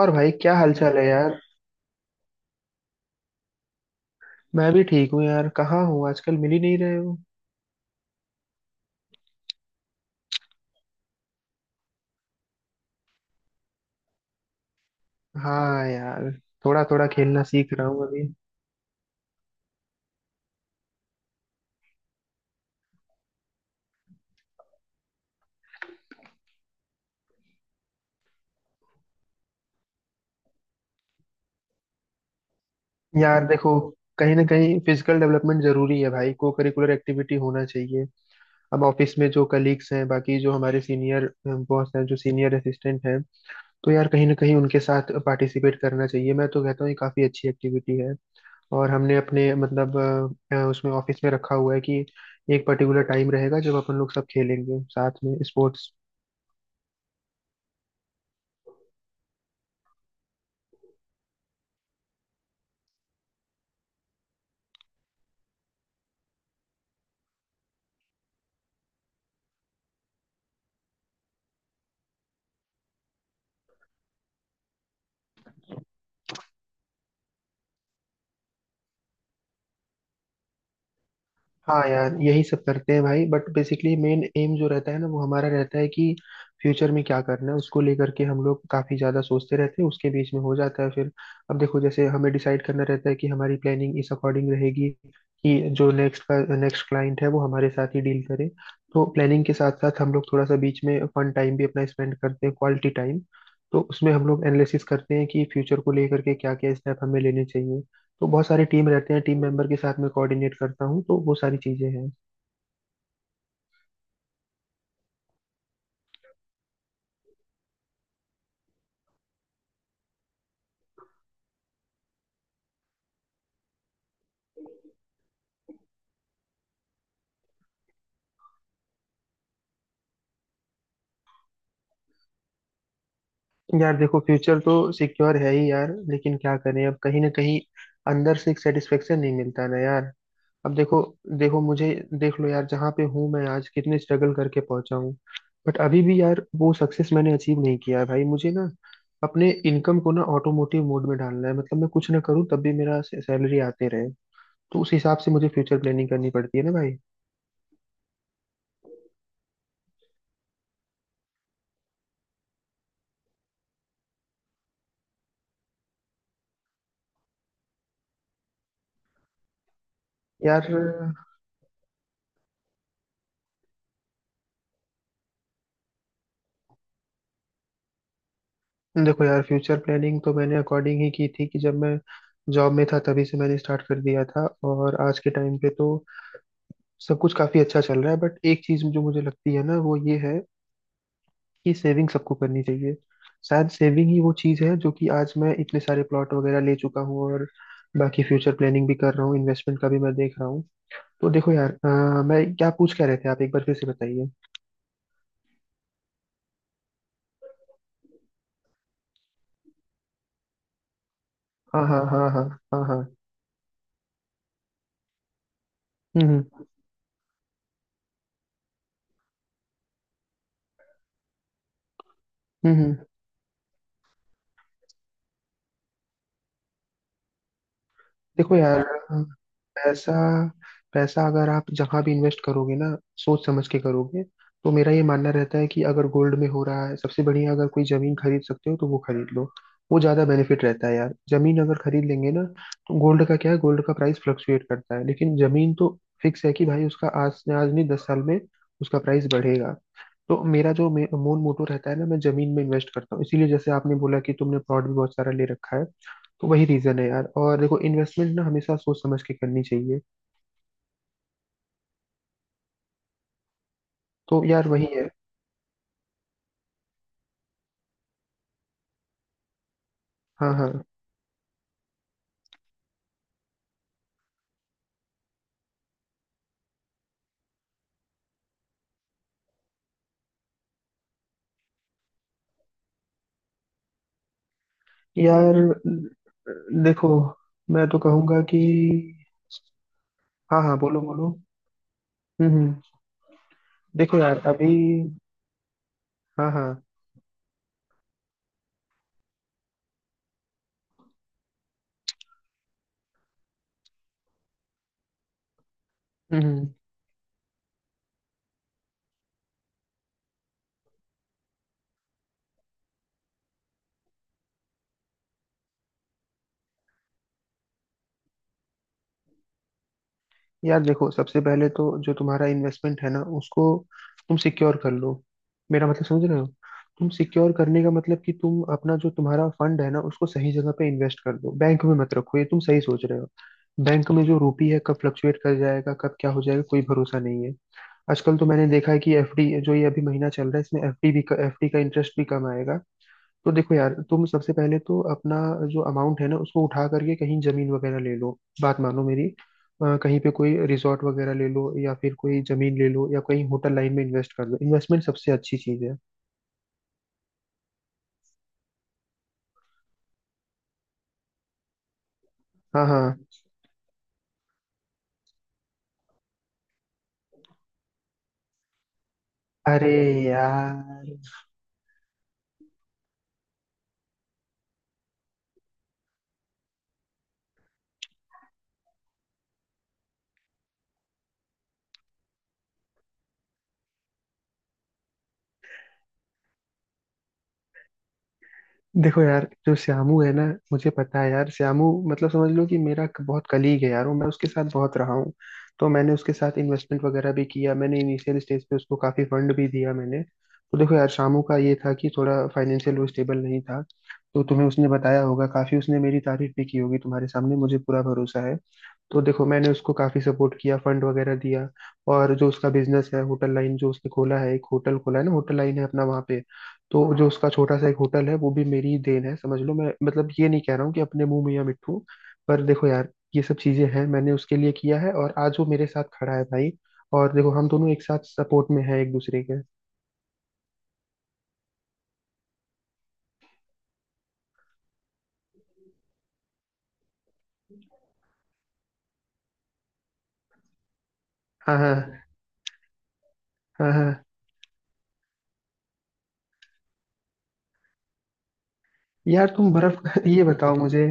और भाई क्या हालचाल है यार। मैं भी ठीक हूँ यार। कहाँ हूँ आजकल मिल ही नहीं रहे हो? हाँ यार। थोड़ा थोड़ा खेलना सीख रहा हूँ अभी। यार देखो, कहीं ना कहीं फिजिकल डेवलपमेंट जरूरी है भाई, को करिकुलर एक्टिविटी होना चाहिए। अब ऑफिस में जो कलीग्स हैं, बाकी जो हमारे सीनियर बॉस हैं, जो सीनियर असिस्टेंट हैं, तो यार कहीं ना कहीं उनके साथ पार्टिसिपेट करना चाहिए। मैं तो कहता हूँ ये काफी अच्छी एक्टिविटी है। और हमने अपने मतलब उसमें ऑफिस में रखा हुआ है कि एक पर्टिकुलर टाइम रहेगा जब अपन लोग सब खेलेंगे साथ में स्पोर्ट्स। हाँ यार, यही सब करते हैं भाई, बट बेसिकली मेन एम जो रहता है ना, वो हमारा रहता है कि फ्यूचर में क्या करना है, उसको लेकर के हम लोग काफी ज्यादा सोचते रहते हैं। उसके बीच में हो जाता है फिर। अब देखो, जैसे हमें डिसाइड करना रहता है कि हमारी प्लानिंग इस अकॉर्डिंग रहेगी कि जो नेक्स्ट का नेक्स्ट क्लाइंट है वो हमारे साथ ही डील करे। तो प्लानिंग के साथ साथ हम लोग थोड़ा सा बीच में फन टाइम भी अपना स्पेंड करते हैं, क्वालिटी टाइम। तो उसमें हम लोग एनालिसिस करते हैं कि फ्यूचर को लेकर के क्या क्या स्टेप हमें लेने चाहिए। तो बहुत सारी टीम रहते हैं, टीम मेंबर के साथ में कोऑर्डिनेट करता हूँ, तो वो सारी चीजें हैं। यार देखो, फ्यूचर तो सिक्योर है ही यार, लेकिन क्या करें, अब कहीं ना कहीं अंदर से एक सेटिस्फेक्शन नहीं मिलता ना यार। अब देखो। देखो मुझे, देख लो यार जहाँ पे हूँ मैं आज, कितने स्ट्रगल करके पहुंचा हूँ। बट अभी भी यार वो सक्सेस मैंने अचीव नहीं किया है भाई। मुझे ना अपने इनकम को ना ऑटोमोटिव मोड में डालना है, मतलब मैं कुछ ना करूँ तब भी मेरा सैलरी आते रहे। तो उस हिसाब से मुझे फ्यूचर प्लानिंग करनी पड़ती है ना भाई। यार देखो, यार फ्यूचर प्लानिंग तो मैंने अकॉर्डिंग ही की थी। कि जब मैं जॉब में था तभी से मैंने स्टार्ट कर दिया था, और आज के टाइम पे तो सब कुछ काफी अच्छा चल रहा है। बट एक चीज जो मुझे लगती है ना, वो ये है कि सेविंग सबको करनी चाहिए। शायद सेविंग ही वो चीज है जो कि आज मैं इतने सारे प्लॉट वगैरह ले चुका हूँ, और बाकी फ्यूचर प्लानिंग भी कर रहा हूँ, इन्वेस्टमेंट का भी मैं देख रहा हूँ। तो देखो यार, मैं क्या पूछ क्या रहे थे आप, एक बार फिर से बताइए। हाँ हाँ हाँ हाँ। हाँ हाँ। हम्म। हम्म, हम्म। देखो यार, पैसा पैसा अगर आप जहां भी इन्वेस्ट करोगे ना, सोच समझ के करोगे, तो मेरा ये मानना रहता है कि अगर गोल्ड में हो रहा है सबसे बढ़िया, अगर कोई जमीन खरीद सकते हो तो वो खरीद लो। वो ज्यादा बेनिफिट रहता है यार। जमीन अगर खरीद लेंगे ना, तो गोल्ड का क्या है, गोल्ड का प्राइस फ्लक्चुएट करता है, लेकिन जमीन तो फिक्स है कि भाई उसका आज से आज नहीं, 10 साल में उसका प्राइस बढ़ेगा। तो मेरा जो मूल मोटो रहता है ना, मैं जमीन में इन्वेस्ट करता हूँ, इसीलिए जैसे आपने बोला कि तुमने प्लॉट भी बहुत सारा ले रखा है, तो वही रीजन है यार। और देखो, इन्वेस्टमेंट ना हमेशा सोच समझ के करनी चाहिए। तो यार वही है। हाँ हाँ। यार देखो, मैं तो कहूंगा कि। हाँ हाँ, बोलो बोलो। हम्म हम्म, देखो यार अभी। हाँ हाँ। हम्म हम्म, यार देखो, सबसे पहले तो जो तुम्हारा इन्वेस्टमेंट है ना, उसको तुम सिक्योर कर लो। मेरा मतलब समझ रहे हो? तुम सिक्योर करने का मतलब कि तुम अपना जो तुम्हारा फंड है ना, उसको सही जगह पे इन्वेस्ट कर दो, बैंक में मत रखो। ये तुम सही सोच रहे हो। बैंक में जो रुपी है कब फ्लक्चुएट कर जाएगा, कब क्या हो जाएगा, कोई भरोसा नहीं है। आजकल तो मैंने देखा है कि एफडी, जो ये अभी महीना चल रहा है इसमें एफडी भी, एफडी का इंटरेस्ट भी कम आएगा। तो देखो यार, तुम सबसे पहले तो अपना जो अमाउंट है ना, उसको उठा करके कहीं जमीन वगैरह ले लो। बात मानो मेरी। कहीं पे कोई रिजॉर्ट वगैरह ले लो, या फिर कोई जमीन ले लो, या कहीं होटल लाइन में इन्वेस्ट कर दो। इन्वेस्टमेंट सबसे अच्छी चीज है। हाँ हाँ। अरे यार। देखो यार, जो श्यामू है ना, मुझे पता है यार श्यामू। मतलब समझ लो कि मेरा बहुत कलीग है यार, और मैं उसके साथ बहुत रहा हूँ। तो मैंने उसके साथ इन्वेस्टमेंट वगैरह भी किया, मैंने इनिशियल स्टेज पे उसको काफी फंड भी दिया मैंने। तो देखो यार, शामू का ये था कि थोड़ा फाइनेंशियल वो स्टेबल नहीं था। तो तुम्हें उसने बताया होगा, काफी उसने मेरी तारीफ भी की होगी तुम्हारे सामने, मुझे पूरा भरोसा है। तो देखो, मैंने उसको काफी सपोर्ट किया, फंड वगैरह दिया। और जो उसका बिजनेस है होटल लाइन, जो उसने खोला है, एक होटल खोला है ना, होटल लाइन है अपना वहाँ पे। तो जो उसका छोटा सा एक होटल है, वो भी मेरी ही देन है समझ लो। मैं मतलब ये नहीं कह रहा हूँ कि अपने मुंह मियां मिट्ठू, पर देखो यार, ये सब चीजें हैं मैंने उसके लिए किया है, और आज वो मेरे साथ खड़ा है भाई। और देखो, हम दोनों एक साथ सपोर्ट में हैं एक दूसरे के। हाँ हाँ। हाँ हाँ हाँ। यार, तुम बर्फ ये बताओ मुझे।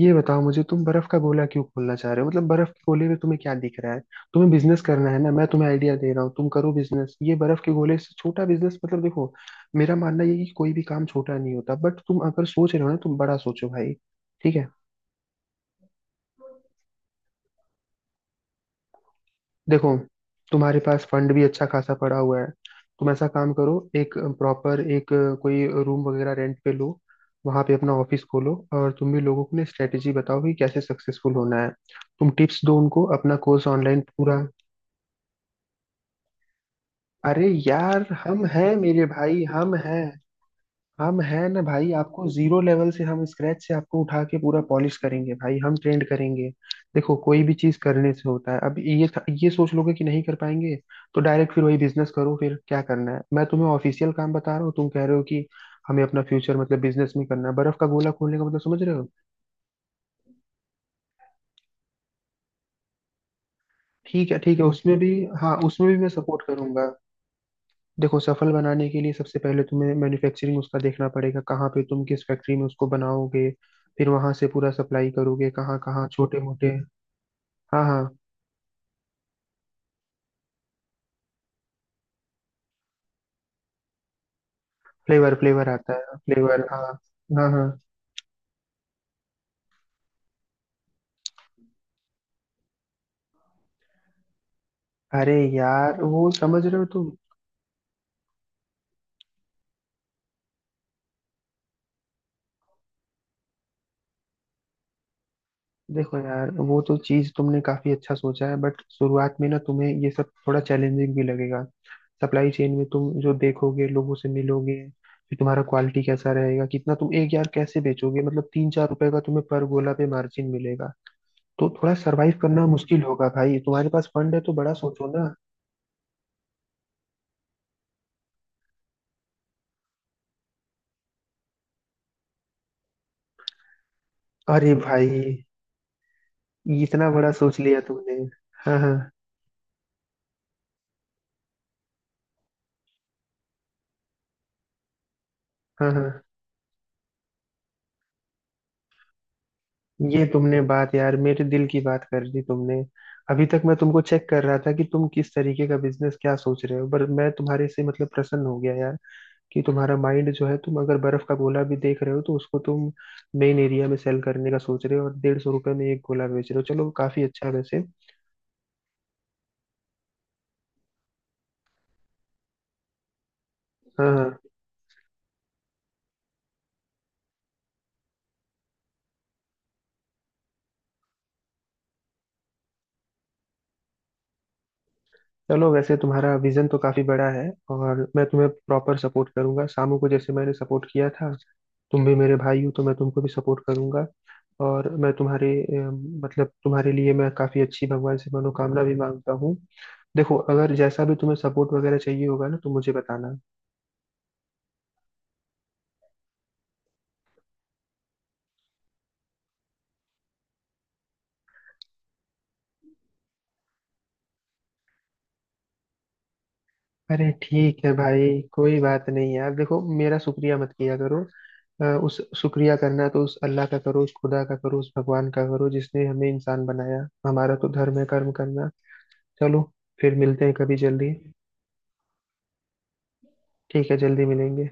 ये बताओ मुझे, तुम बर्फ का गोला क्यों खोलना चाह रहे हो? मतलब बर्फ के गोले में तुम्हें क्या दिख रहा है? तुम्हें बिजनेस करना है ना, मैं तुम्हें आइडिया दे रहा हूँ, तुम करो बिजनेस। ये बर्फ के गोले से छोटा बिजनेस मतलब, देखो, मेरा मानना ये है कि कोई भी काम छोटा नहीं होता, बट तुम अगर सोच रहे हो ना, तुम बड़ा सोचो भाई। ठीक है? देखो, तुम्हारे पास फंड भी अच्छा खासा पड़ा हुआ है। तुम ऐसा काम करो, एक प्रॉपर एक कोई रूम वगैरह रेंट पे लो, वहां पे अपना ऑफिस खोलो, और तुम भी लोगों को ना स्ट्रेटेजी बताओ कि कैसे सक्सेसफुल होना है। तुम टिप्स दो उनको, अपना कोर्स ऑनलाइन पूरा। अरे यार, हम हैं मेरे भाई, हम हैं। हम हैं ना भाई, आपको जीरो लेवल से, हम स्क्रैच से आपको उठा के पूरा पॉलिश करेंगे भाई, हम ट्रेंड करेंगे। देखो, कोई भी चीज करने से होता है। अब ये सोच लोगे कि नहीं कर पाएंगे, तो डायरेक्ट फिर वही बिजनेस करो। फिर क्या करना है, मैं तुम्हें ऑफिशियल काम बता रहा हूँ, तुम कह रहे हो कि हमें अपना फ्यूचर मतलब बिजनेस में करना है। बर्फ का गोला खोलने का मतलब समझ रहे हो? ठीक है, ठीक है, उसमें भी। हाँ उसमें भी मैं सपोर्ट करूंगा। देखो, सफल बनाने के लिए सबसे पहले तुम्हें मैन्युफैक्चरिंग उसका देखना पड़ेगा, कहाँ पे तुम किस फैक्ट्री में उसको बनाओगे, फिर वहां से पूरा सप्लाई करोगे कहाँ कहाँ छोटे मोटे। हाँ हाँ। फ्लेवर, फ्लेवर आता है, फ्लेवर, हाँ। हाँ हाँ। अरे यार, वो समझ रहे हो तुम। देखो यार, वो तो चीज तुमने काफी अच्छा सोचा है, बट शुरुआत में ना तुम्हें ये सब थोड़ा चैलेंजिंग भी लगेगा। सप्लाई चेन में तुम जो देखोगे, लोगों से मिलोगे, फिर तुम्हारा क्वालिटी कैसा रहेगा, कितना तुम एक यार कैसे बेचोगे, मतलब तीन चार रुपए का तुम्हें पर गोला पे मार्जिन मिलेगा। तो थोड़ा सरवाइव करना मुश्किल होगा भाई। तुम्हारे पास फंड है तो बड़ा सोचो ना। अरे भाई, इतना बड़ा सोच लिया तुमने। हाँ हाँ। हाँ हाँ। ये तुमने बात, यार मेरे दिल की बात कर दी तुमने। अभी तक मैं तुमको चेक कर रहा था कि तुम किस तरीके का बिजनेस क्या सोच रहे हो, पर मैं तुम्हारे से मतलब प्रसन्न हो गया यार। कि तुम्हारा माइंड जो है, तुम अगर बर्फ का गोला भी देख रहे हो तो उसको तुम मेन एरिया में सेल करने का सोच रहे हो, और 150 रुपये में एक गोला बेच रहे हो। चलो, काफी अच्छा है वैसे। हाँ हाँ। चलो, वैसे तुम्हारा विजन तो काफी बड़ा है, और मैं तुम्हें प्रॉपर सपोर्ट करूंगा, शामू को जैसे मैंने सपोर्ट किया था, तुम भी मेरे भाई हो तो मैं तुमको भी सपोर्ट करूंगा। और मैं तुम्हारे मतलब तुम्हारे लिए मैं काफी अच्छी भगवान से मनोकामना भी मांगता हूँ। देखो, अगर जैसा भी तुम्हें सपोर्ट वगैरह चाहिए होगा ना, तो मुझे बताना। अरे ठीक है भाई, कोई बात नहीं यार। देखो, मेरा शुक्रिया मत किया करो। उस शुक्रिया करना तो उस अल्लाह का करो, उस खुदा का करो, उस भगवान का करो जिसने हमें इंसान बनाया। हमारा तो धर्म है कर्म करना। चलो, फिर मिलते हैं कभी जल्दी। ठीक है, जल्दी मिलेंगे।